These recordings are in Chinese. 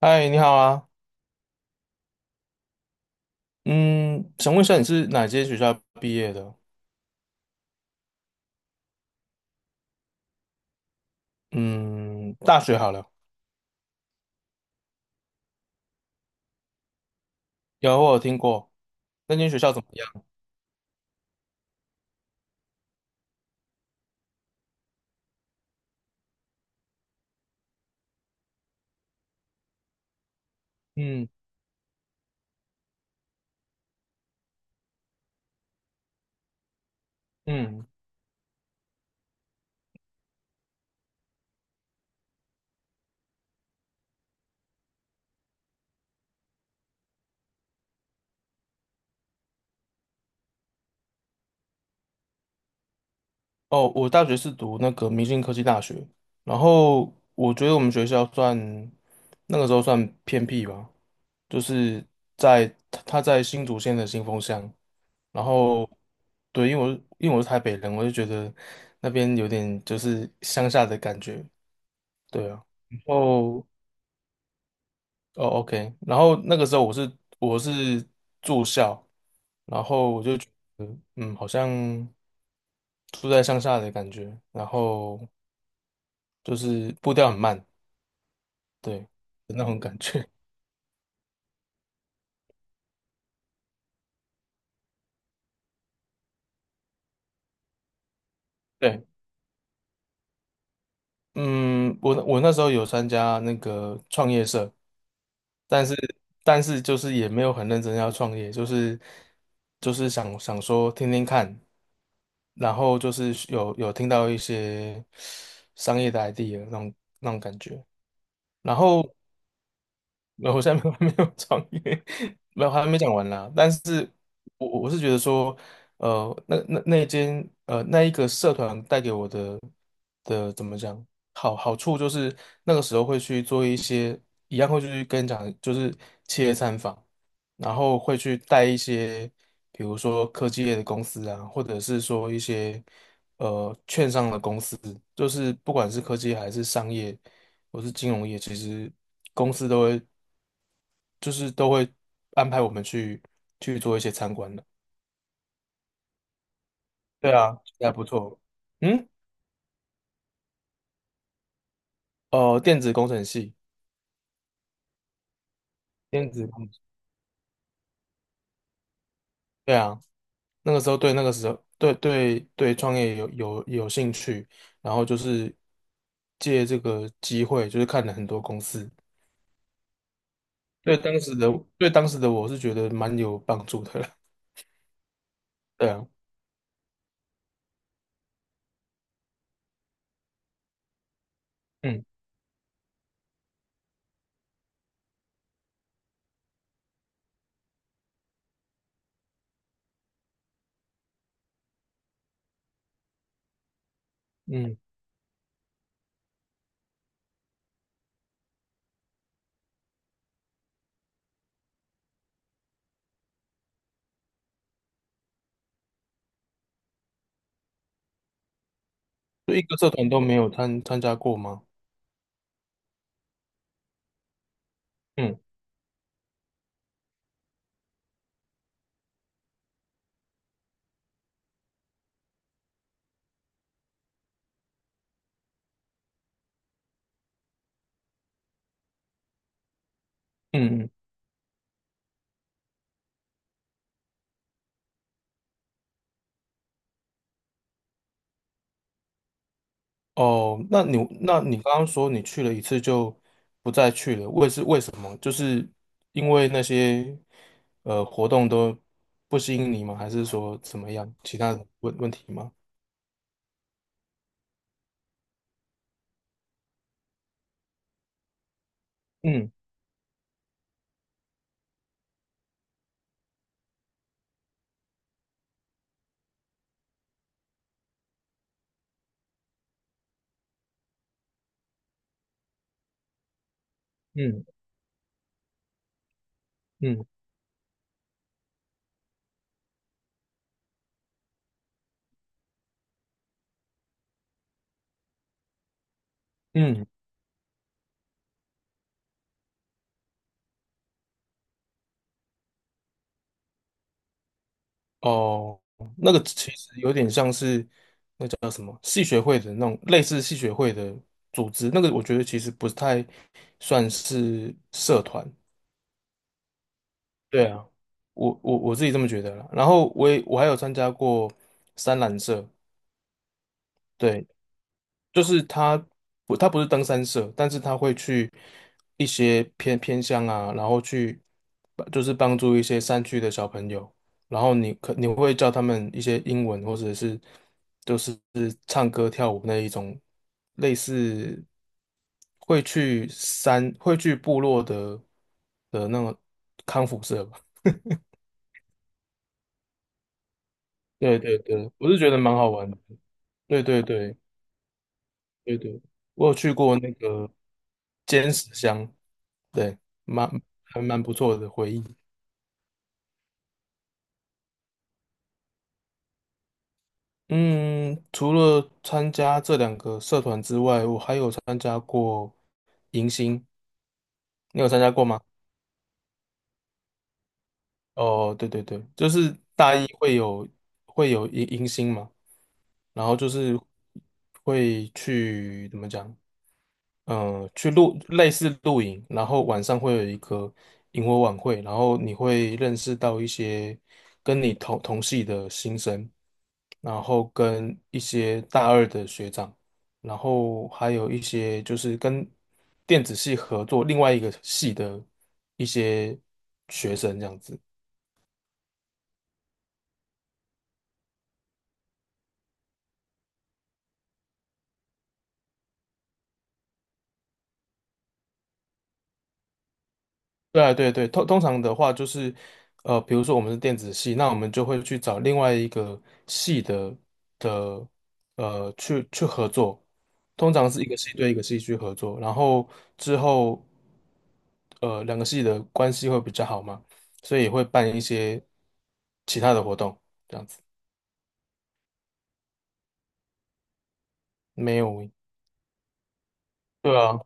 嗨，你好啊。嗯，想问一下你是哪间学校毕业的？嗯，大学好了，我有听过。那间学校怎么样？嗯嗯，哦，我大学是读那个明星科技大学，然后我觉得我们学校那个时候算偏僻吧，就是在他在新竹县的新丰乡，然后对，因为我是台北人，我就觉得那边有点就是乡下的感觉，对啊。然后哦，OK。然后那个时候我是住校，然后我就觉得好像住在乡下的感觉，然后就是步调很慢，对，有那种感觉。对。嗯，我那时候有参加那个创业社，但是但是就是也没有很认真要创业，就是想想说听听看，然后就是有听到一些商业的 idea 那种感觉，然后。没有，我现在没有 没有创业，没有还没讲完啦。但是我是觉得说，那一个社团带给我的怎么讲好处就是那个时候会去做一些一样会去跟你讲，就是企业参访，然后会去带一些比如说科技业的公司啊，或者是说一些券商的公司，就是不管是科技还是商业。或是金融业，其实公司都会就是都会安排我们去做一些参观的。对啊，还不错。嗯，电子工程系，电子工程，对啊，那个时候对对对创业有兴趣，然后就是借这个机会，就是看了很多公司。对当时的对当时的我是觉得蛮有帮助的了。对啊，嗯嗯，就一个社团都没有参加过吗？嗯嗯嗯。哦，那你刚刚说你去了一次就不再去了，为什么？就是因为那些活动都不吸引你吗？还是说怎么样？其他的问题吗？嗯嗯嗯嗯，哦，那个其实有点像是叫什么系学会的那种类似系学会的组织，那个我觉得其实不太算是社团，对啊，我自己这么觉得了。然后我还有参加过三蓝色，对，就是他不是登山社，但是他会去一些偏乡啊，然后去就是帮助一些山区的小朋友，然后你会教他们一些英文或者是就是唱歌跳舞那一种类似会去部落的那种康复社吧。对对对，我是觉得蛮好玩的。对对对对对，我有去过那个尖石乡，对，蛮还蛮不错的回忆。嗯，除了参加这两个社团之外，我还有参加过迎新，你有参加过吗？哦，对对对，就是大一会有迎新嘛，然后就是会去怎么讲？类似露营，然后晚上会有一个萤火晚会，然后你会认识到一些跟你同系的新生，然后跟一些大二的学长，然后还有一些就是跟电子系合作另外一个系的一些学生这样子。对啊，对对，通常的话就是，比如说我们是电子系，那我们就会去找另外一个系的，去合作。通常是一个系对一个系去合作，然后之后，两个系的关系会比较好嘛，所以也会办一些其他的活动，这样子。没有，对啊，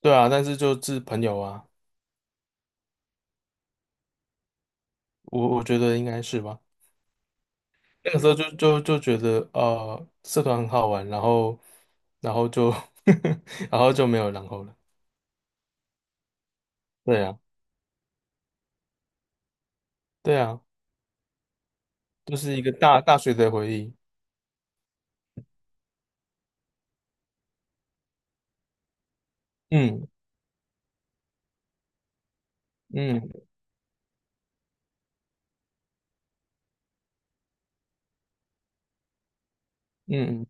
对啊，但是就是朋友啊，我觉得应该是吧。那个时候就觉得社团很好玩，然后就 然后就没有然后了。对啊，对啊，就是一个大学的回忆。嗯嗯嗯嗯，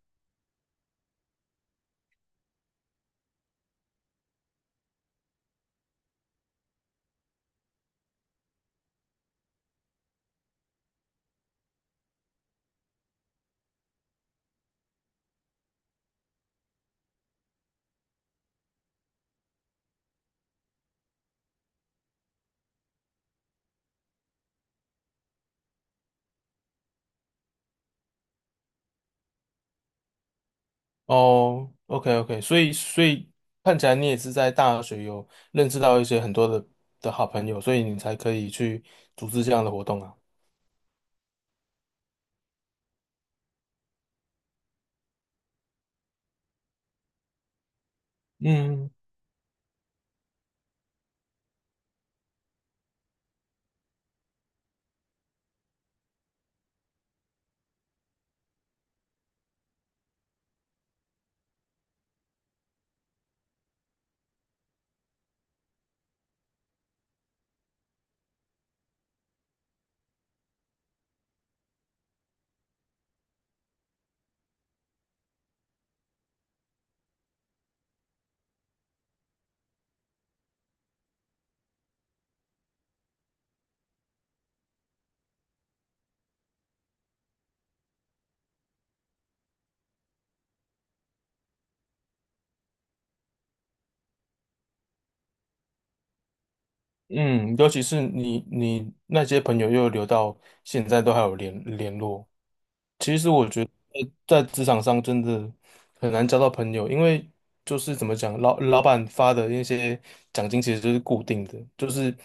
哦，OK OK，所以看起来你也是在大学有认识到一些很多的好朋友，所以你才可以去组织这样的活动啊。嗯。嗯，尤其是你那些朋友又留到现在都还有联络。其实我觉得在职场上真的很难交到朋友，因为就是怎么讲，老板发的那些奖金其实就是固定的，就是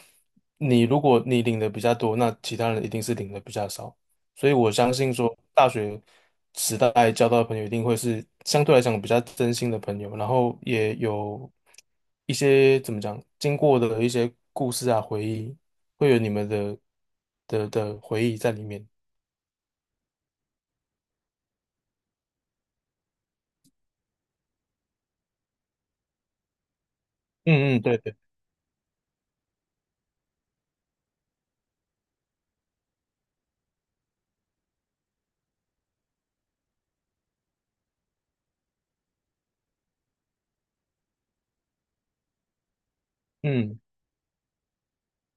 你如果你领的比较多，那其他人一定是领的比较少。所以我相信说，大学时代交到的朋友一定会是相对来讲比较真心的朋友，然后也有一些怎么讲，经过的一些故事啊、回忆，会有你们的回忆在里面。嗯嗯，对对，嗯，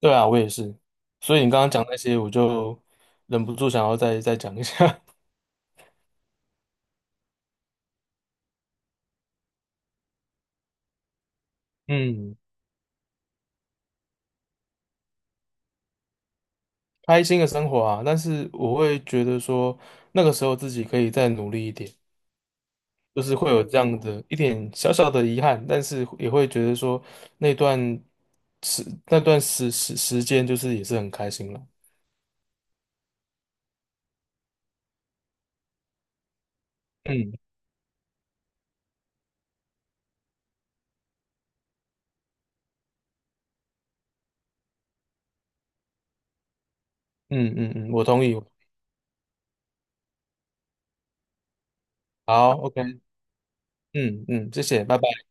对啊，我也是。所以你刚刚讲那些，我就忍不住想要再讲一下。嗯，开心的生活啊，但是我会觉得说，那个时候自己可以再努力一点。就是会有这样的一点小小的遗憾，但是也会觉得说那段时那段时间就是也是很开心了。嗯嗯嗯嗯，我同意。好，OK，嗯嗯，谢谢，拜拜。